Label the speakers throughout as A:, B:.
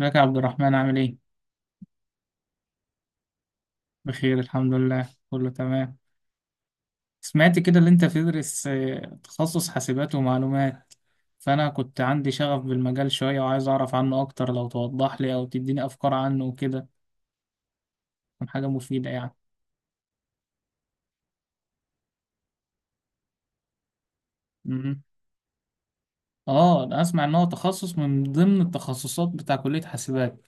A: ازيك يا عبد الرحمن عامل ايه؟ بخير الحمد لله، كله تمام. سمعت كده اللي انت تدرس تخصص حاسبات ومعلومات. فانا كنت عندي شغف بالمجال شوية وعايز اعرف عنه اكتر لو توضح لي او تديني افكار عنه وكده، تكون حاجة مفيدة يعني. مهم. اه انا اسمع ان هو تخصص من ضمن التخصصات بتاع كلية حاسبات.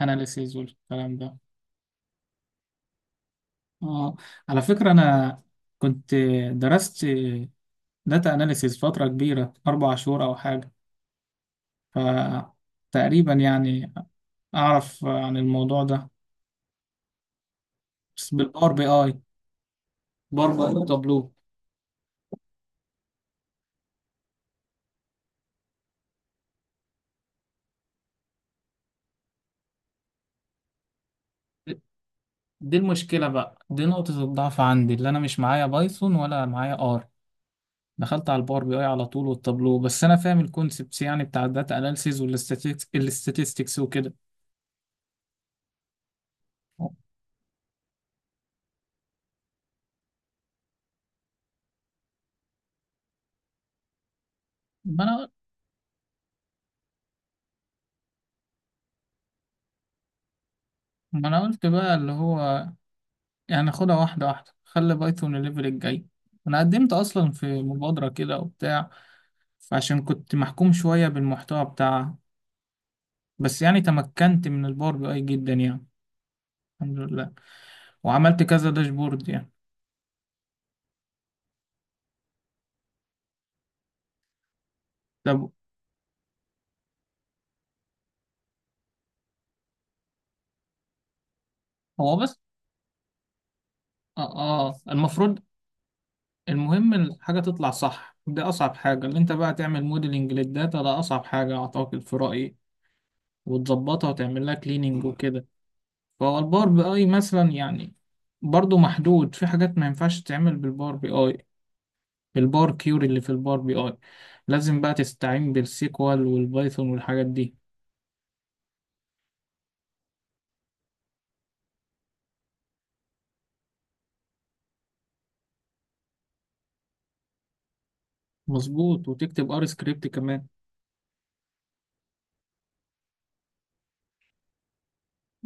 A: اناليسيز والكلام ده. اه، على فكرة انا كنت درست داتا اناليسيز فترة كبيرة 4 شهور او حاجة، فتقريبا يعني أعرف عن الموضوع ده. بس بالباور بي آي، باور بي آي وتابلو. دي المشكلة بقى، دي نقطة الضعف عندي اللي أنا مش معايا بايثون ولا معايا آر. دخلت على الباور بي آي على طول والتابلو، بس أنا فاهم الكونسبتس يعني بتاع الداتا أناليسيز والاستاتستكس وكده. ما أنا ما أنا قلت بقى اللي هو يعني خدها واحدة واحدة، خلي بايثون الليفل الجاي. أنا قدمت أصلا في مبادرة كده وبتاع، فعشان كنت محكوم شوية بالمحتوى بتاعها، بس يعني تمكنت من الباور بي اي جدا يعني الحمد لله، وعملت كذا داشبورد يعني. طب هو بس اه, المفروض، المهم الحاجة تطلع صح. دي أصعب حاجة، اللي أنت بقى تعمل موديلنج للداتا ده أصعب حاجة أعتقد في رأيي، وتظبطها وتعمل لها كليننج وكده. فهو الباور بي أي مثلا يعني برضو محدود، في حاجات ما ينفعش تعمل بالباور بي أي، بالبار كيوري اللي في الباور بي أي لازم بقى تستعين بالسيكوال والبايثون والحاجات دي. مظبوط، وتكتب ار سكريبت كمان.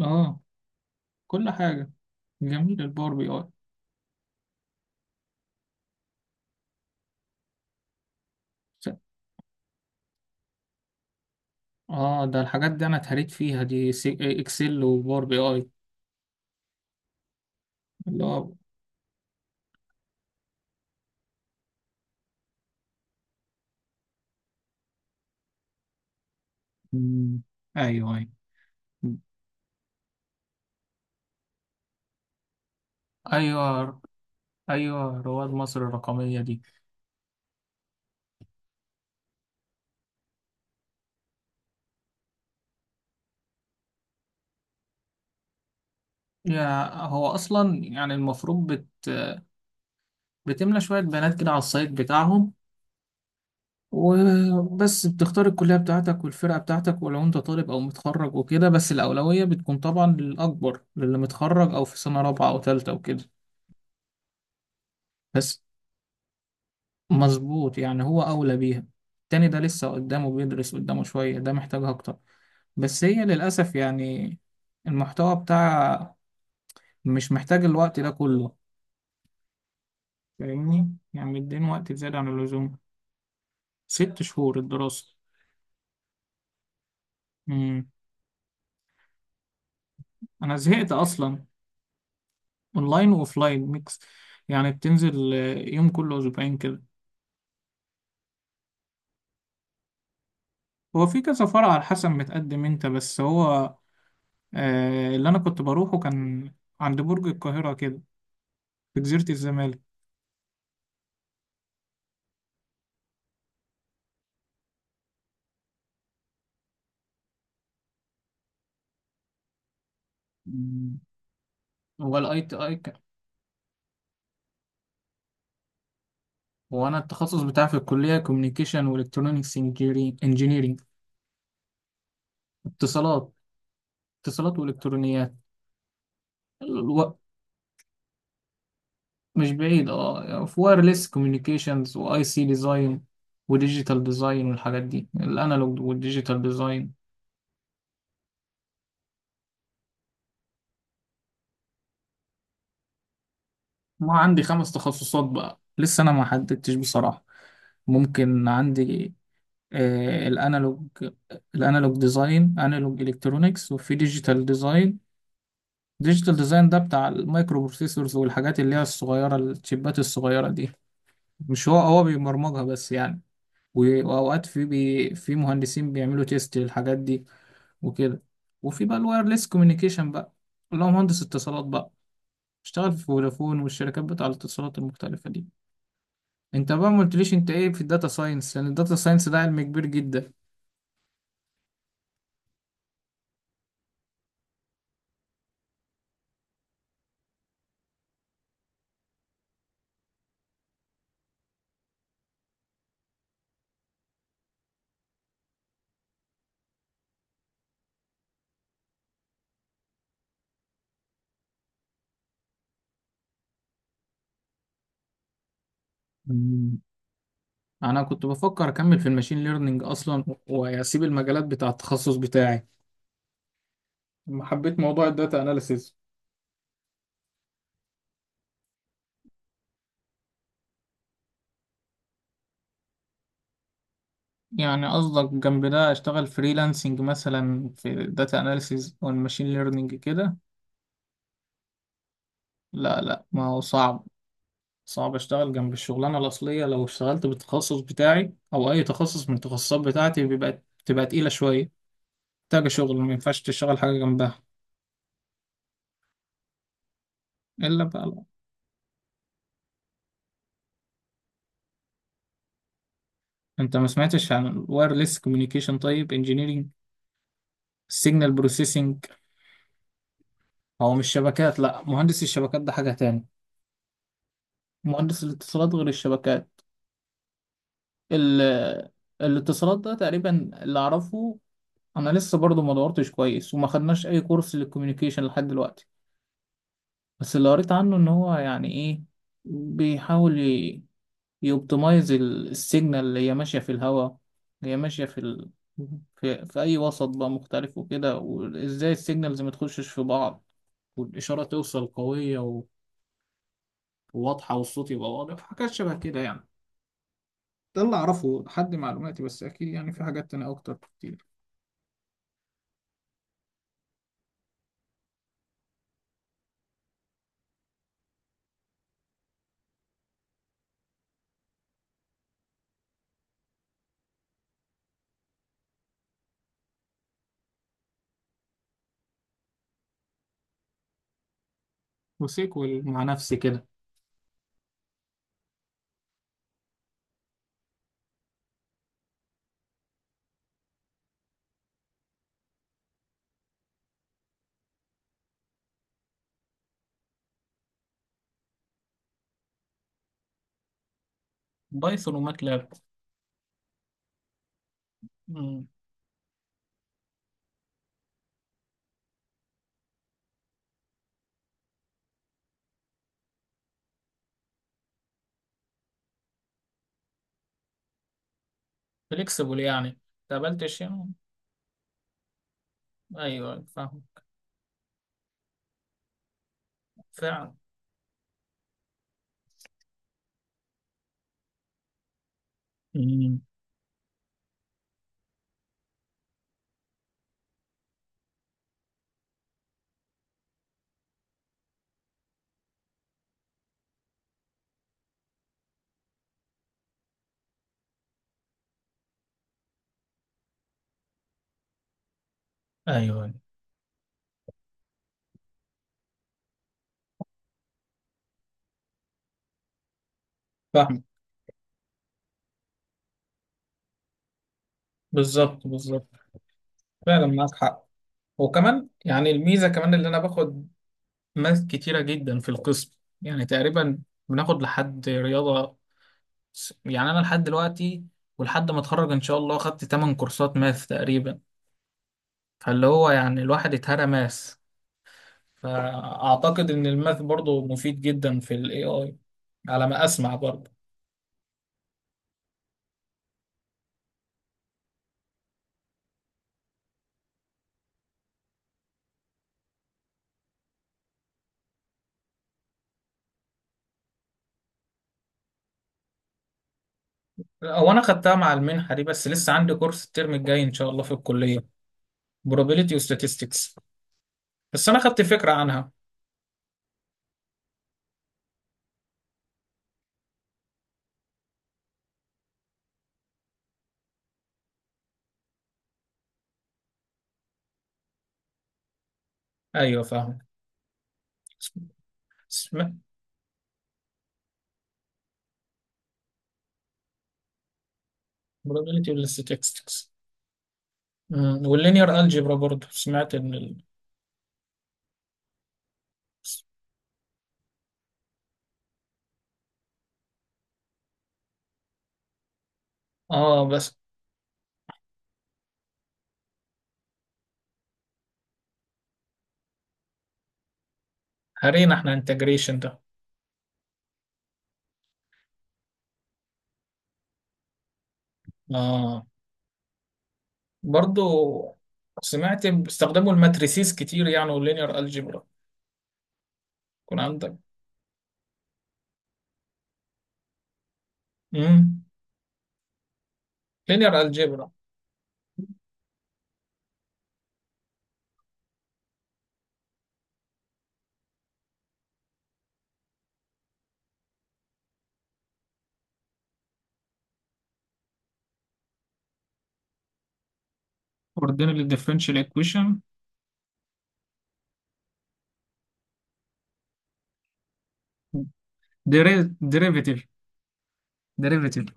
A: اه، كل حاجة. جميل الباور بي اي. س- اه ده الحاجات دي انا اتهريت فيها دي، اكسل وباور بي اي اللي هو. مم. ايوه ايوه. ايوه ايوه رواد مصر الرقمية دي. يا هو اصلا يعني المفروض بتملى شوية بيانات كده على السايت بتاعهم، وبس بتختار الكلية بتاعتك والفرقة بتاعتك ولو انت طالب او متخرج وكده، بس الأولوية بتكون طبعا للأكبر، للي متخرج او في سنة رابعة او تالتة وكده. بس مظبوط، يعني هو أولى بيها. التاني ده لسه قدامه، بيدرس قدامه شوية، ده محتاجها أكتر. بس هي للأسف يعني المحتوى بتاع مش محتاج الوقت ده كله، فاهمني يعني مدين وقت زيادة عن اللزوم. 6 شهور الدراسة. مم. أنا زهقت أصلا. أونلاين وأوفلاين ميكس، يعني بتنزل يوم كل أسبوعين كده. هو في كذا فرع على حسب متقدم أنت، بس هو آه اللي أنا كنت بروحه كان عند برج القاهرة كده، في جزيرة الزمالك. هو الاي تي اي. هو انا التخصص بتاعي في الكليه كوميونيكيشن والكترونكس انجينيرنج، اتصالات. اتصالات والكترونيات. الو... مش بعيد، اه في وايرلس كوميونيكيشنز واي سي ديزاين وديجيتال ديزاين والحاجات دي، الانالوج والديجيتال ديزاين. ما عندي 5 تخصصات بقى، لسه انا ما حددتش بصراحه. ممكن عندي آه الانالوج، الانالوج ديزاين انالوج الكترونكس، وفي ديجيتال ديزاين. ديجيتال ديزاين ده بتاع المايكرو بروسيسورز والحاجات اللي هي الصغيرة، الشيبات الصغيرة دي. مش هو، هو بيبرمجها بس يعني، وأوقات في بي في مهندسين بيعملوا تيست للحاجات دي وكده. وفي بقى الوايرلس كوميونيكيشن بقى اللي هو مهندس اتصالات بقى، اشتغل في فودافون والشركات بتاع الاتصالات المختلفة دي. انت بقى ما قلتليش انت ايه في الداتا ساينس، لان الداتا ساينس ده علم كبير جدا. مم. انا كنت بفكر اكمل في الماشين ليرنينج اصلا واسيب المجالات بتاع التخصص بتاعي، حبيت موضوع الداتا اناليسيز. يعني قصدك جنب ده اشتغل فريلانسنج مثلا في داتا اناليسيز والماشين ليرنينج كده. لا لا ما هو صعب. صعب اشتغل جنب الشغلانه الاصليه، لو اشتغلت بالتخصص بتاعي او اي تخصص من التخصصات بتاعتي بتبقى تقيله شويه، محتاجه شغل ما ينفعش تشتغل حاجه جنبها. الا بقى لو. انت ما سمعتش عن الوايرلس كوميونيكيشن طيب، انجينيرنج السيجنال بروسيسنج. هو مش شبكات، لا مهندس الشبكات ده حاجه تاني. مهندس الاتصالات غير الشبكات. ال- الاتصالات ده تقريبا اللي اعرفه. انا لسه برضو ما دورتش كويس وما خدناش اي كورس للكوميونيكيشن لحد دلوقتي، بس اللي قريت عنه ان هو يعني ايه، بيحاول يوبتمايز السيجنال اللي هي ماشيه في الهواء، اللي هي ماشيه في اي وسط بقى مختلف وكده، وازاي السيجنالز ما تخشش في بعض، والاشاره توصل قويه وواضحه، والصوت يبقى واضح، حاجات شبه كده يعني. ده اللي اعرفه لحد معلوماتي، بس اكيد يعني في حاجات تانية اكتر كتير. وسيكوال مع نفسي كده. بايثون وماتلاب. فليكسبل يعني، تقبلتش يعني. ايوه فاهم. فعلا. مم. ايوه فاهم. بالظبط بالظبط، فعلا معاك حق. وكمان يعني الميزه كمان اللي انا باخد ماث كتيره جدا في القسم، يعني تقريبا بناخد لحد رياضه، يعني انا لحد دلوقتي ولحد ما اتخرج ان شاء الله خدت 8 كورسات ماث تقريبا. فاللي هو يعني الواحد اتهرى ماث، فاعتقد ان الماث برضو مفيد جدا في الاي اي، على ما اسمع برضو. هو انا خدتها مع المنحه دي، بس لسه عندي كورس الترم الجاي ان شاء الله في الكليه، probability و statistics، بس انا خدت فكره عنها. ايوه فاهم. سمعت probability وال statistics. أمم، واللينير algebra برضو سمعت ان اه بس هرينا احنا integration ده. اه برضو سمعت باستخدموا الماتريسيز كتير يعني واللينير algebra. يكون عندك. امم. linear algebra. ordinary differential equation. Derivative. derivative،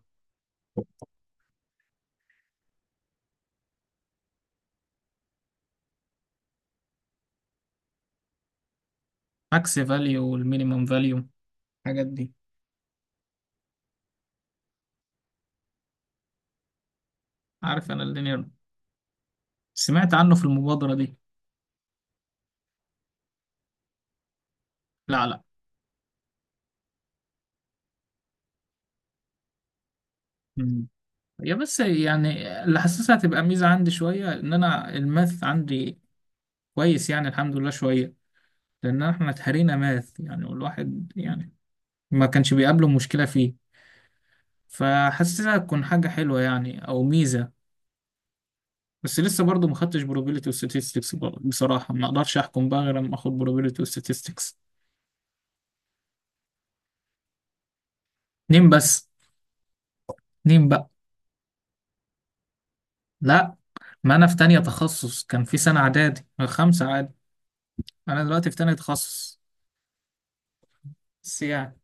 A: max value والمينيمم value، الحاجات دي. عارف انا اللينير، سمعت عنه في المبادرة دي. لا لا. مم. هي بس يعني اللي حاسسها هتبقى ميزة عندي شوية، ان انا الماث عندي كويس يعني الحمد لله شوية، لان احنا اتهرينا ماث يعني، والواحد يعني ما كانش بيقابله مشكلة فيه. فحاسسها تكون حاجة حلوة يعني او ميزة. بس لسه برضه ما خدتش probability و statistics، بصراحة ما اقدرش احكم بقى غير لما اخد probability و statistics. اتنين بس. اتنين بقى. لا ما انا في تانية تخصص كان في سنة اعدادي خمسة عادي. انا دلوقتي في تانية تخصص. بس يعني.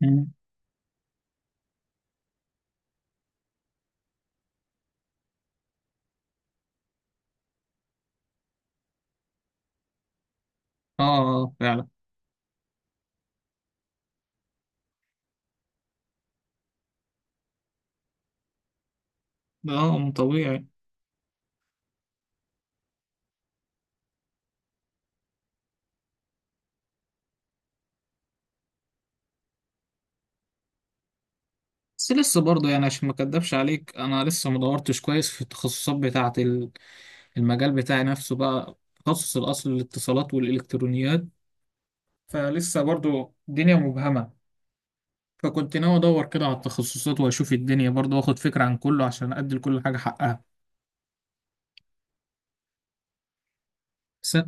A: مم. اه فعلا. اه من طبيعي. بس لسه برضه يعني عشان ما اكدبش عليك، انا لسه ما دورتش كويس في التخصصات بتاعة المجال بتاعي نفسه بقى، تخصص الاصل الاتصالات والالكترونيات. فلسه برضه الدنيا مبهمة. فكنت ناوي ادور كده على التخصصات واشوف الدنيا برضه واخد فكرة عن كله عشان ادي لكل حاجة حقها. بس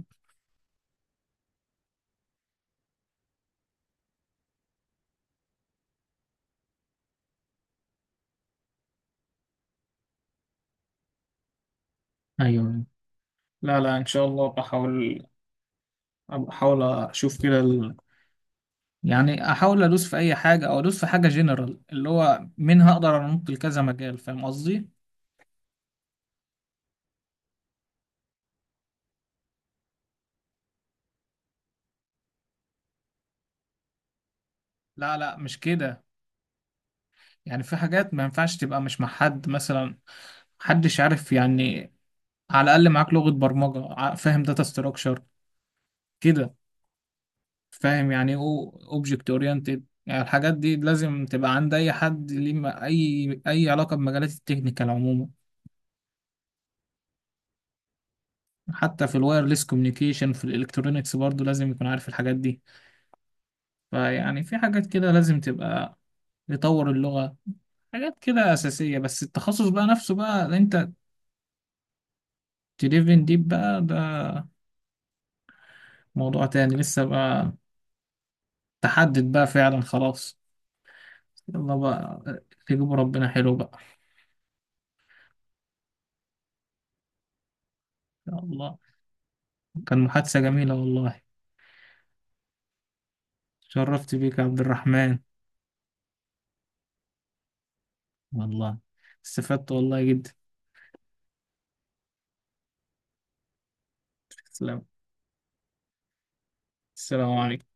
A: ايوه. لا لا ان شاء الله بحاول، بحاول اشوف كده يعني احاول ادوس في اي حاجة او ادوس في حاجة جنرال اللي هو منها اقدر انط لكذا مجال، فاهم قصدي. لا لا مش كده. يعني في حاجات ما ينفعش تبقى مش مع حد مثلا، محدش عارف يعني. على الاقل معاك لغة برمجة فاهم داتا ستراكشر كده، فاهم يعني ايه اوبجكت اورينتد، يعني الحاجات دي لازم تبقى عند اي حد ليه اي علاقه بمجالات التكنيكال عموما. حتى في الوايرلس كوميونيكيشن في الالكترونيكس برضو لازم يكون عارف الحاجات دي. فيعني في حاجات كده لازم تبقى، يطور اللغه، حاجات كده اساسيه. بس التخصص بقى نفسه بقى اللي انت تديفن ديب بقى، ده موضوع تاني لسه بقى، تحدد بقى فعلا خلاص. يلا بقى، تجيبوا ربنا حلو بقى. يا الله، كان محادثه جميله والله. شرفت بيك يا عبد الرحمن. والله استفدت والله جدا. سلام. السلام عليكم.